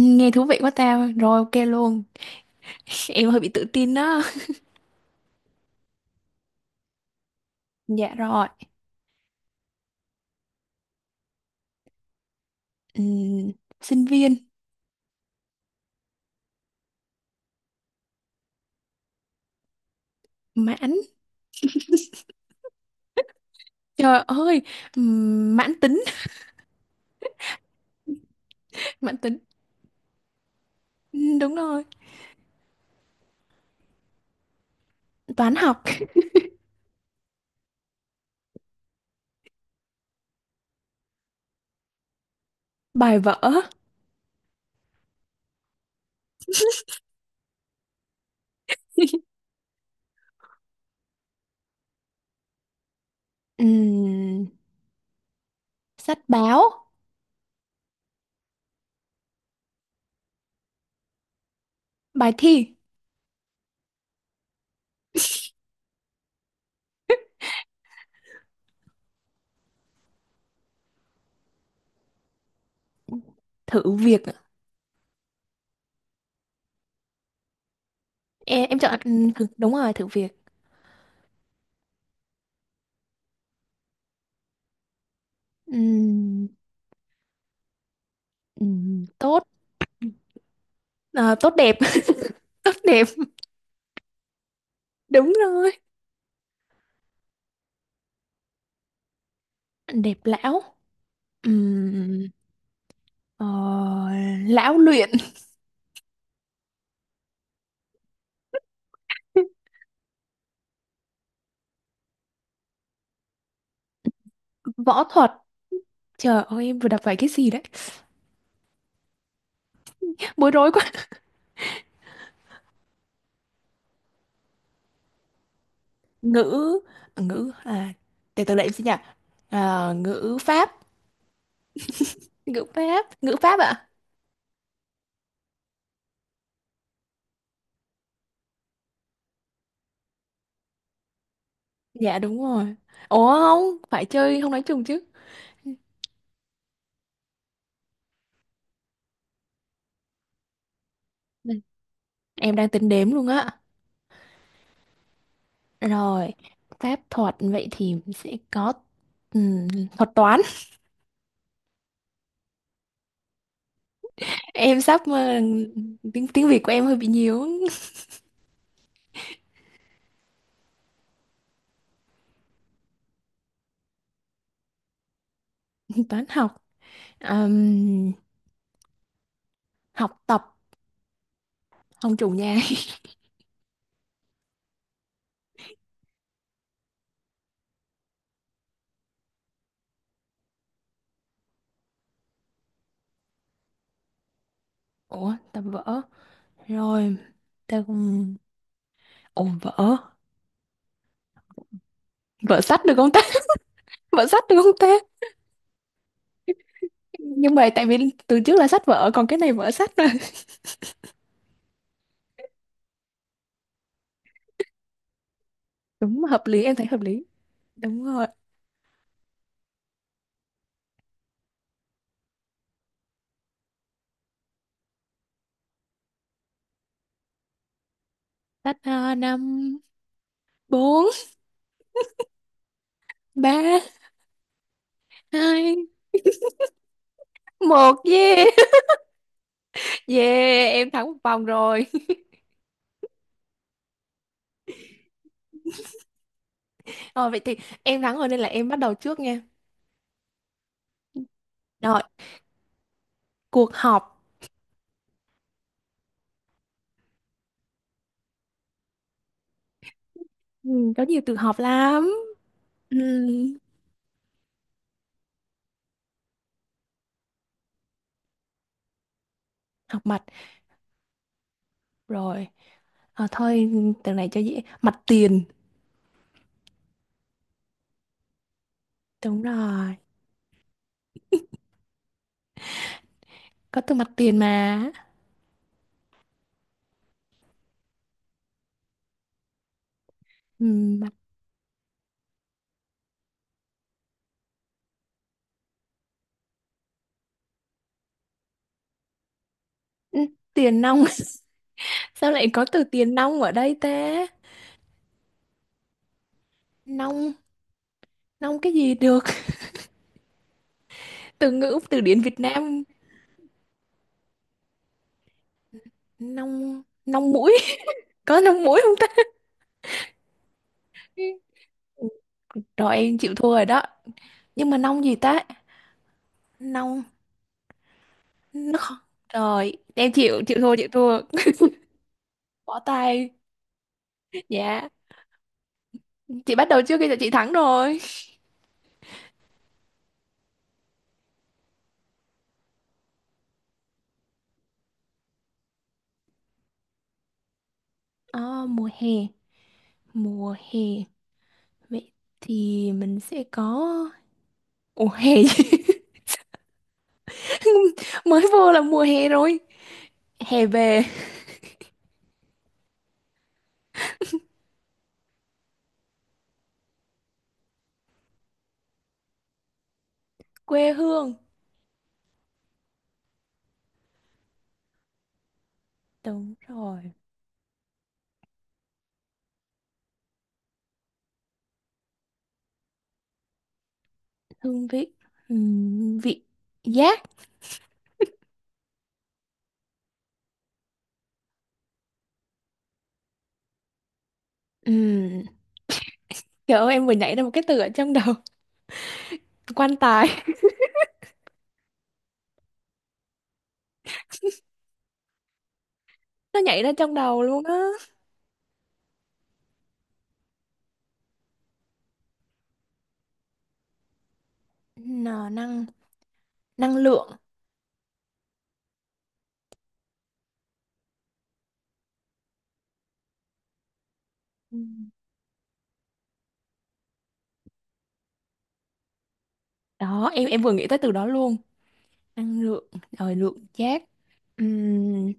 Nghe thú vị quá tao. Rồi ok luôn. Em hơi bị tự tin đó. Dạ rồi. Ừm, sinh viên mãn. Trời ơi, mãn tính, mãn tính. Đúng rồi. Toán học, bài vở, Ừm, sách báo, bài thi, thử việc. Ạ. Em chọn thử, đúng rồi, thử việc. Ừm, tốt. Ờ, tốt đẹp. Tốt đẹp. Đúng rồi. Đẹp lão. Ờ, lão luyện. Võ thuật. Trời ơi, em vừa đọc phải cái gì đấy, bối rối quá. Ngữ ngữ à, để từ lại em xin nhỉ. À, ngữ pháp. Ngữ pháp ạ à? Dạ đúng rồi. Ủa không, phải chơi không nói chung chứ. Ừ, em đang tính đếm luôn á. Rồi pháp thuật vậy thì sẽ có ừm, thuật toán. Em sắp tiếng tiếng Việt của em hơi bị nhiều. Toán học. Ừm, học tập, không chủ nhà. Ủa ta vỡ rồi, ta cũng ồ vỡ. Vỡ sách được không ta? Vỡ sách được không ta? Nhưng mà tại vì từ trước là sách vở còn cái này vỡ sách mà. Đúng, hợp lý, em thấy hợp lý. Đúng rồi. Sách năm bốn ba hai một yeah. Yeah, em thắng một vòng rồi. Ờ, vậy thì em thắng rồi nên là em bắt đầu trước nha. Rồi, cuộc họp. Ừ, có nhiều từ họp lắm. Ừ, họp mặt. Rồi à, thôi từ này cho dễ, mặt tiền. Đúng rồi, có từ mặt tiền mà. Ừ, mặt. Ừ, tiền nong. Sao lại có từ tiền nong ở đây ta? Nong nong cái gì được? Từ ngữ từ điển Việt Nam. Nong nong mũi. Có nong mũi không ta? Ừ, rồi em chịu thua rồi đó, nhưng mà nong gì ta? Nong, nó khó. Rồi em chịu chịu thua, chịu thua. Bỏ tay. Dạ, chị bắt đầu trước khi chị thắng rồi. Ờ, mùa hè, mùa hè. Vậy thì mình sẽ có, ủa hè chứ. Mới vô là mùa hè rồi. Hè về quê hương. Đúng rồi. Hương vị. Vị giác. Ừm. Trời ơi, em vừa nhảy ra một cái từ ở trong đầu. Quan tài. Nó nhảy ra trong đầu luôn á. Nó năng, năng lượng. Ừm. Đó, em vừa nghĩ tới từ đó luôn. Năng lượng. Rồi lượng giác. Ừm,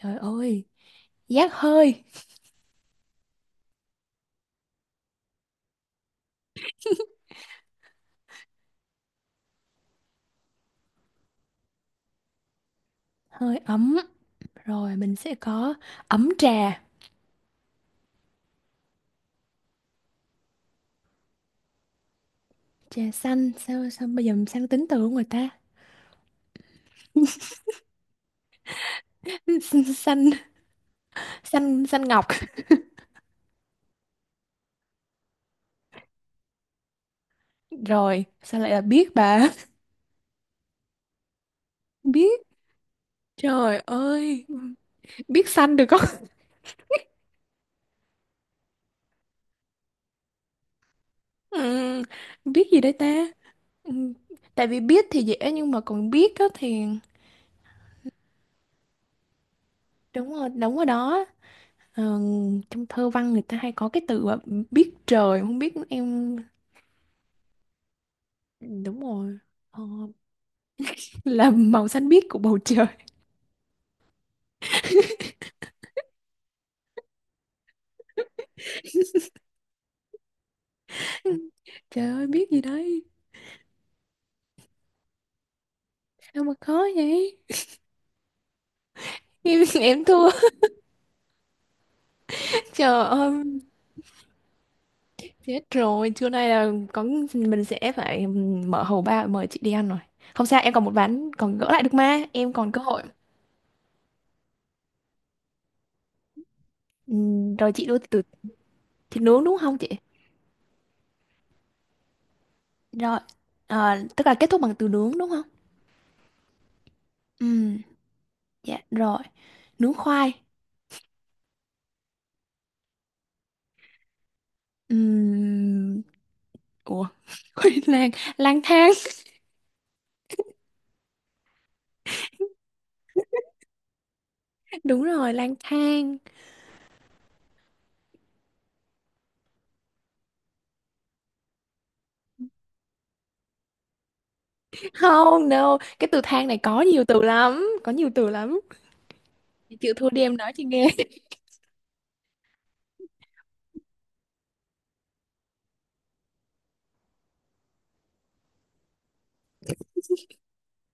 Trời ơi. Giác hơi. Hơi ấm. Rồi mình sẽ có ấm trà. Trà xanh, sao sao bây giờ mình sang tính từ của người ta. Xanh xanh. Xanh xanh ngọc. Rồi sao lại là biết bà? Biết, trời ơi. Biết xanh được không? Ừ, biết gì đấy ta? Ừ, tại vì biết thì dễ nhưng mà còn biết á thì. Đúng rồi, đúng rồi đó. Ờ, trong thơ văn người ta hay có cái từ mà biết trời không biết em. Ừ, đúng rồi. ờ, là màu xanh biếc của bầu trời. Trời ơi, biết gì đấy? Sao mà khó vậy. Em thua. Trời ơi, chết rồi, trưa nay là có mình sẽ phải mở hầu ba, mời chị đi ăn rồi. Không sao, em còn một ván còn gỡ lại được mà, em còn cơ hội. Rồi chị đưa từ thịt nướng đúng không chị? Rồi, tức là kết thúc bằng từ nướng đúng không? Ừm, dạ rồi, nướng khoai. Ừm, ủa, quên lang, lang thang. Đúng rồi, lang thang. Không, no, cái từ thang này có nhiều từ lắm, có nhiều từ lắm. Chị chịu thua đi, em nói chị nghe.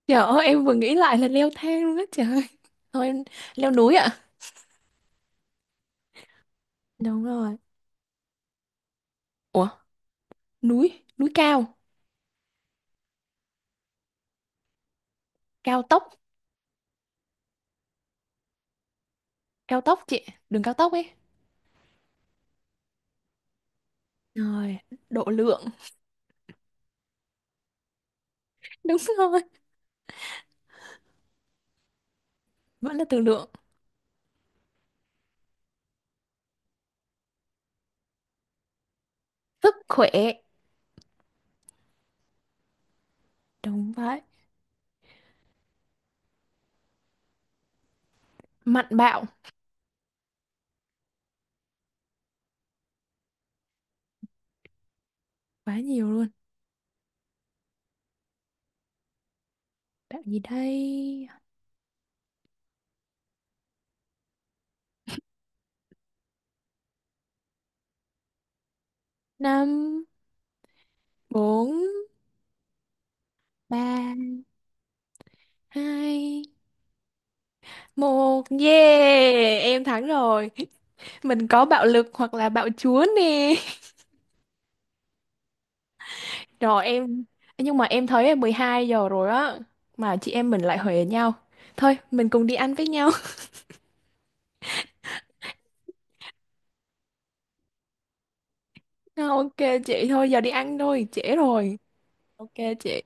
Trời ơi, em vừa nghĩ lại là leo thang luôn á trời ơi. Thôi em leo núi ạ. Đúng rồi. Ủa núi, núi cao, cao tốc, cao tốc chị, đường cao tốc ấy. Rồi, độ lượng. Đúng rồi, vẫn là từ lượng. Sức khỏe. Đúng vậy. Mạnh bạo, quá nhiều luôn. Bạo gì đây? Năm bốn ba hai một. Yeah, em thắng rồi. Mình có bạo lực hoặc là bạo chúa nè. Rồi em, nhưng mà em thấy em 12 giờ rồi á, mà chị em mình lại huề nhau. Thôi mình cùng đi ăn với nhau. Ok chị, thôi giờ đi ăn thôi, trễ rồi. Ok chị.